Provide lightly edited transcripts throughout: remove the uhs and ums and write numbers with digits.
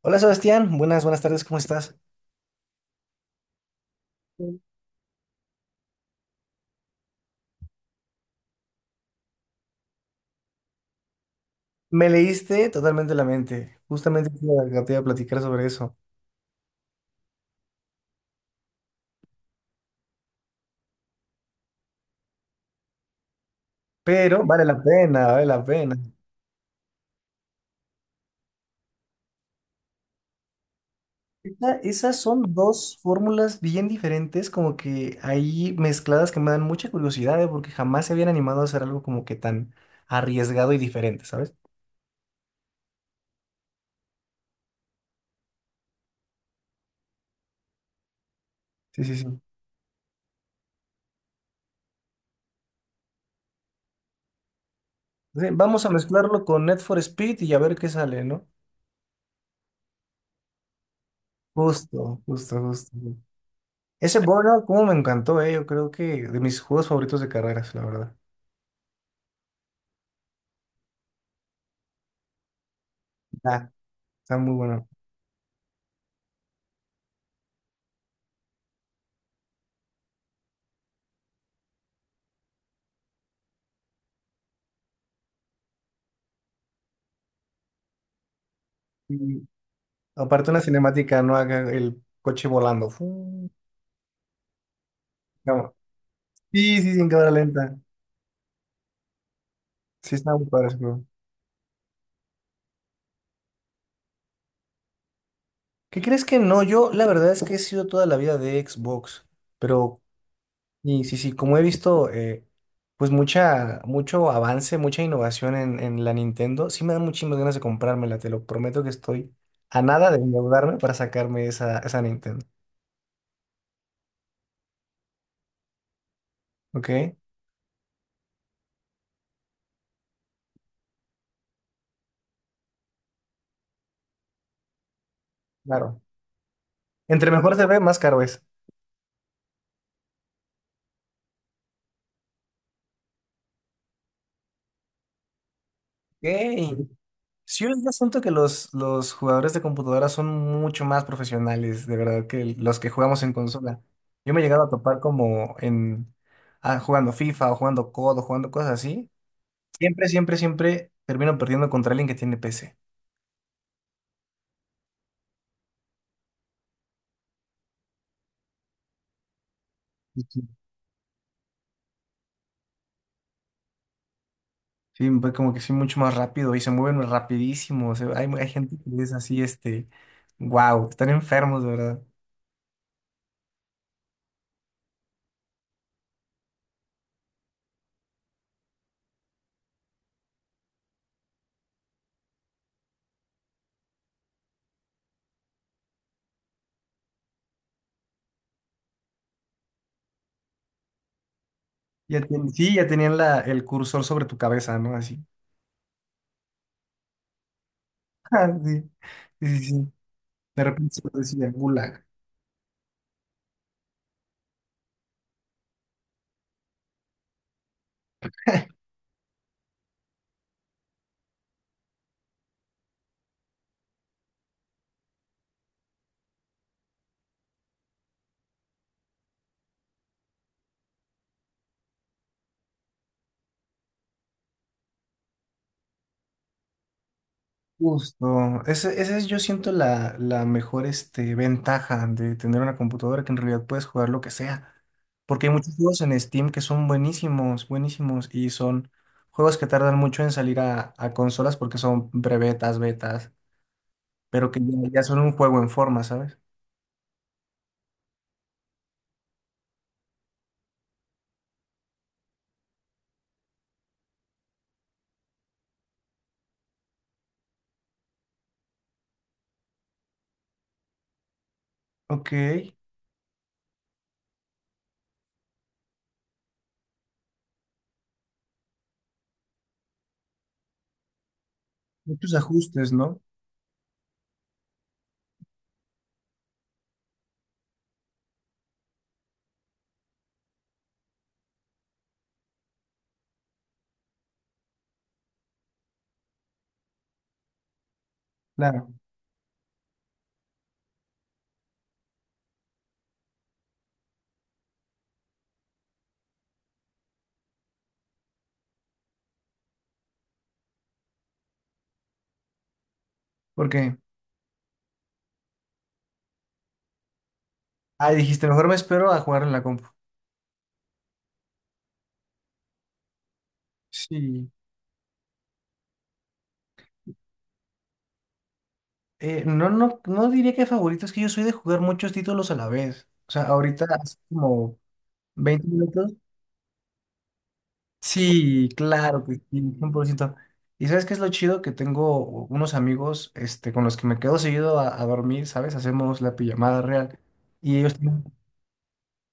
Hola Sebastián, buenas, buenas tardes, ¿cómo estás? Me leíste totalmente la mente, justamente te iba a platicar sobre eso, pero vale la pena, vale la pena. Esas son dos fórmulas bien diferentes, como que ahí mezcladas que me dan mucha curiosidad, ¿eh? Porque jamás se habían animado a hacer algo como que tan arriesgado y diferente, ¿sabes? Sí, sí, sí. Sí, vamos a mezclarlo con Net for Speed y a ver qué sale, ¿no? Justo, justo, justo. Ese Burnout, como me encantó, ¿eh? Yo creo que de mis juegos favoritos de carreras, la verdad. Ah, está muy bueno. Y aparte una cinemática, no haga el coche volando. No. Sí, sí, sin cámara lenta. Sí, está muy padre ese juego. ¿Qué crees que no? Yo la verdad es que he sido toda la vida de Xbox, pero y sí, sí, como he visto, pues mucho avance, mucha innovación en la Nintendo, sí me dan muchísimas ganas de comprármela, te lo prometo que estoy a nada de endeudarme para sacarme esa, esa Nintendo, ¿ok? Claro. Entre mejor se ve, más caro es. Ok. Sí, hoy en día siento que los jugadores de computadora son mucho más profesionales, de verdad, que los que jugamos en consola. Yo me he llegado a topar como en jugando FIFA o jugando COD o D o jugando cosas así. Siempre, siempre, siempre termino perdiendo contra alguien que tiene PC. Sí, sí. Sí, pues como que sí, mucho más rápido y se mueven rapidísimo. O sea, hay gente que es así, wow, están enfermos, de verdad. Sí, ya tenían la, el cursor sobre tu cabeza, ¿no? Así. Ah, sí, sí, sí. Sí. De repente se lo decía, gulag. Justo, esa es, yo siento, la mejor, ventaja de tener una computadora, que en realidad puedes jugar lo que sea, porque hay muchos juegos en Steam que son buenísimos, buenísimos, y son juegos que tardan mucho en salir a consolas porque son betas, pero que ya, ya son un juego en forma, ¿sabes? Ok, muchos ajustes, ¿no? Claro, porque, ah, dijiste, mejor me espero a jugar en la compu. Sí. No, no, no diría que favorito, es que yo soy de jugar muchos títulos a la vez. O sea, ahorita hace como 20 minutos. Sí, claro que sí, 100 por ciento. ¿Y sabes qué es lo chido? Que tengo unos amigos, con los que me quedo seguido a dormir, ¿sabes? Hacemos la pijamada real. Y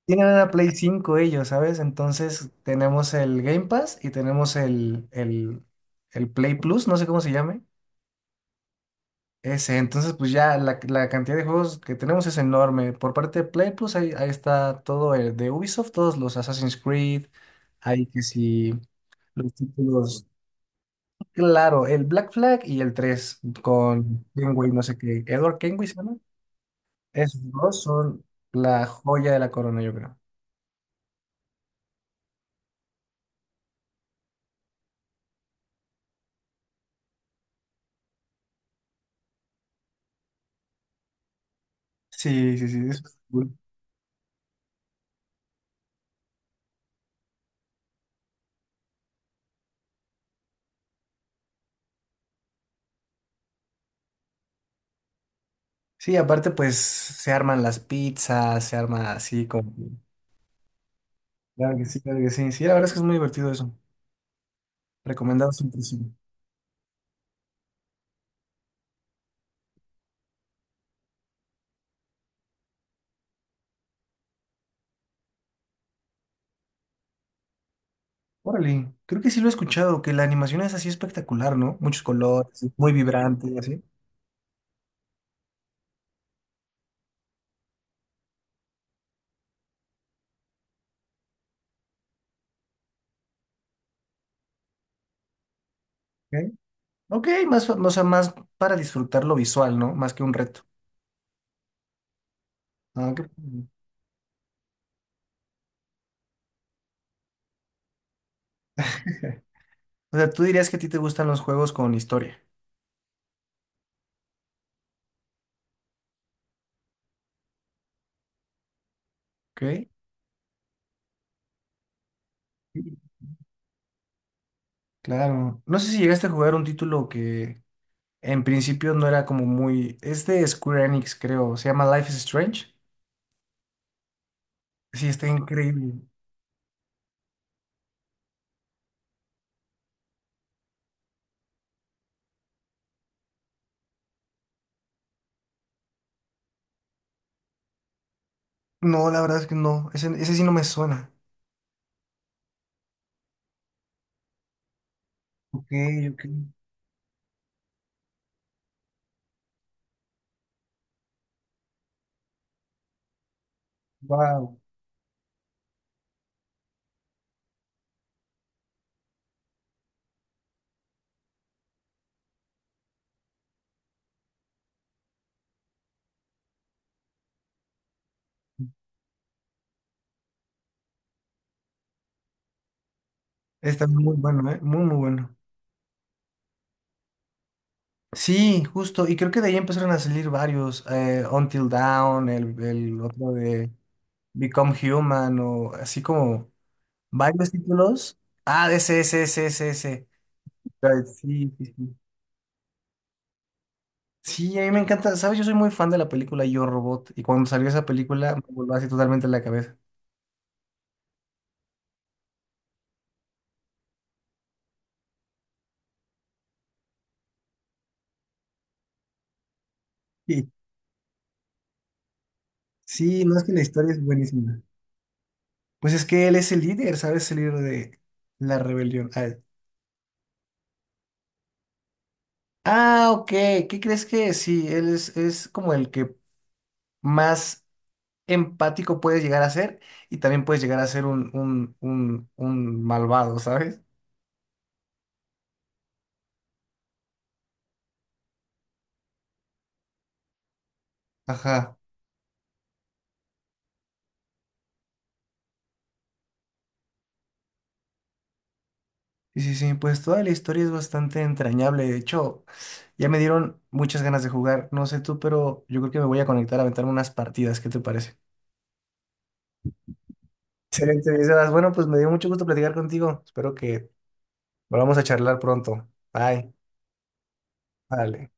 tienen una Play 5 ellos, ¿sabes? Entonces tenemos el Game Pass y tenemos el Play Plus, no sé cómo se llame. Ese, entonces pues ya la cantidad de juegos que tenemos es enorme. Por parte de Play, pues ahí, ahí está todo el de Ubisoft, todos los Assassin's Creed, ahí que sí, los títulos. Claro, el Black Flag y el 3 con Kenway, no sé qué, Edward Kenway se llama. Esos dos son la joya de la corona, yo creo. Sí, sí, sí, eso es cool. Sí, aparte pues se arman las pizzas, se arma así como... Claro que sí, claro que sí. Sí, la verdad es que es muy divertido eso. Recomendado siempre. Sí. Órale, creo que sí lo he escuchado, que la animación es así espectacular, ¿no? Muchos colores, muy vibrante y así. Ok, ok, más, o sea, más para disfrutar lo visual, ¿no? Más que un reto. Ah, qué padre. O sea, tú dirías que a ti te gustan los juegos con historia, ¿ok? Sí. Claro. No sé si llegaste a jugar un título que en principio no era como muy... Es de Square Enix, creo. Se llama Life is Strange. Sí, está increíble. No, la verdad es que no. Ese sí no me suena. Ok, ok. Está muy bueno, ¿eh? Muy, muy bueno. Sí, justo. Y creo que de ahí empezaron a salir varios. Until Dawn, el otro de Become Human, o así como varios títulos. Ah, ese, ese, ese, ese, ese. Ay, sí, sí, sí. Sí, a mí me encanta. ¿Sabes? Yo soy muy fan de la película Yo Robot. Y cuando salió esa película, me voló así totalmente la cabeza. Sí, sí, no es que la historia es buenísima. Pues es que él es el líder, ¿sabes? El líder de la rebelión. Ah, ah, ok. ¿Qué crees que sí? Él es como el que más empático puedes llegar a ser, y también puedes llegar a ser un malvado, ¿sabes? Ajá. Sí, sí, sí. Pues toda la historia es bastante entrañable. De hecho, ya me dieron muchas ganas de jugar. No sé tú, pero yo creo que me voy a conectar a aventarme unas partidas. ¿Qué te parece? Excelente, mi Sebas. Bueno, pues me dio mucho gusto platicar contigo. Espero que volvamos a charlar pronto. Bye. Vale.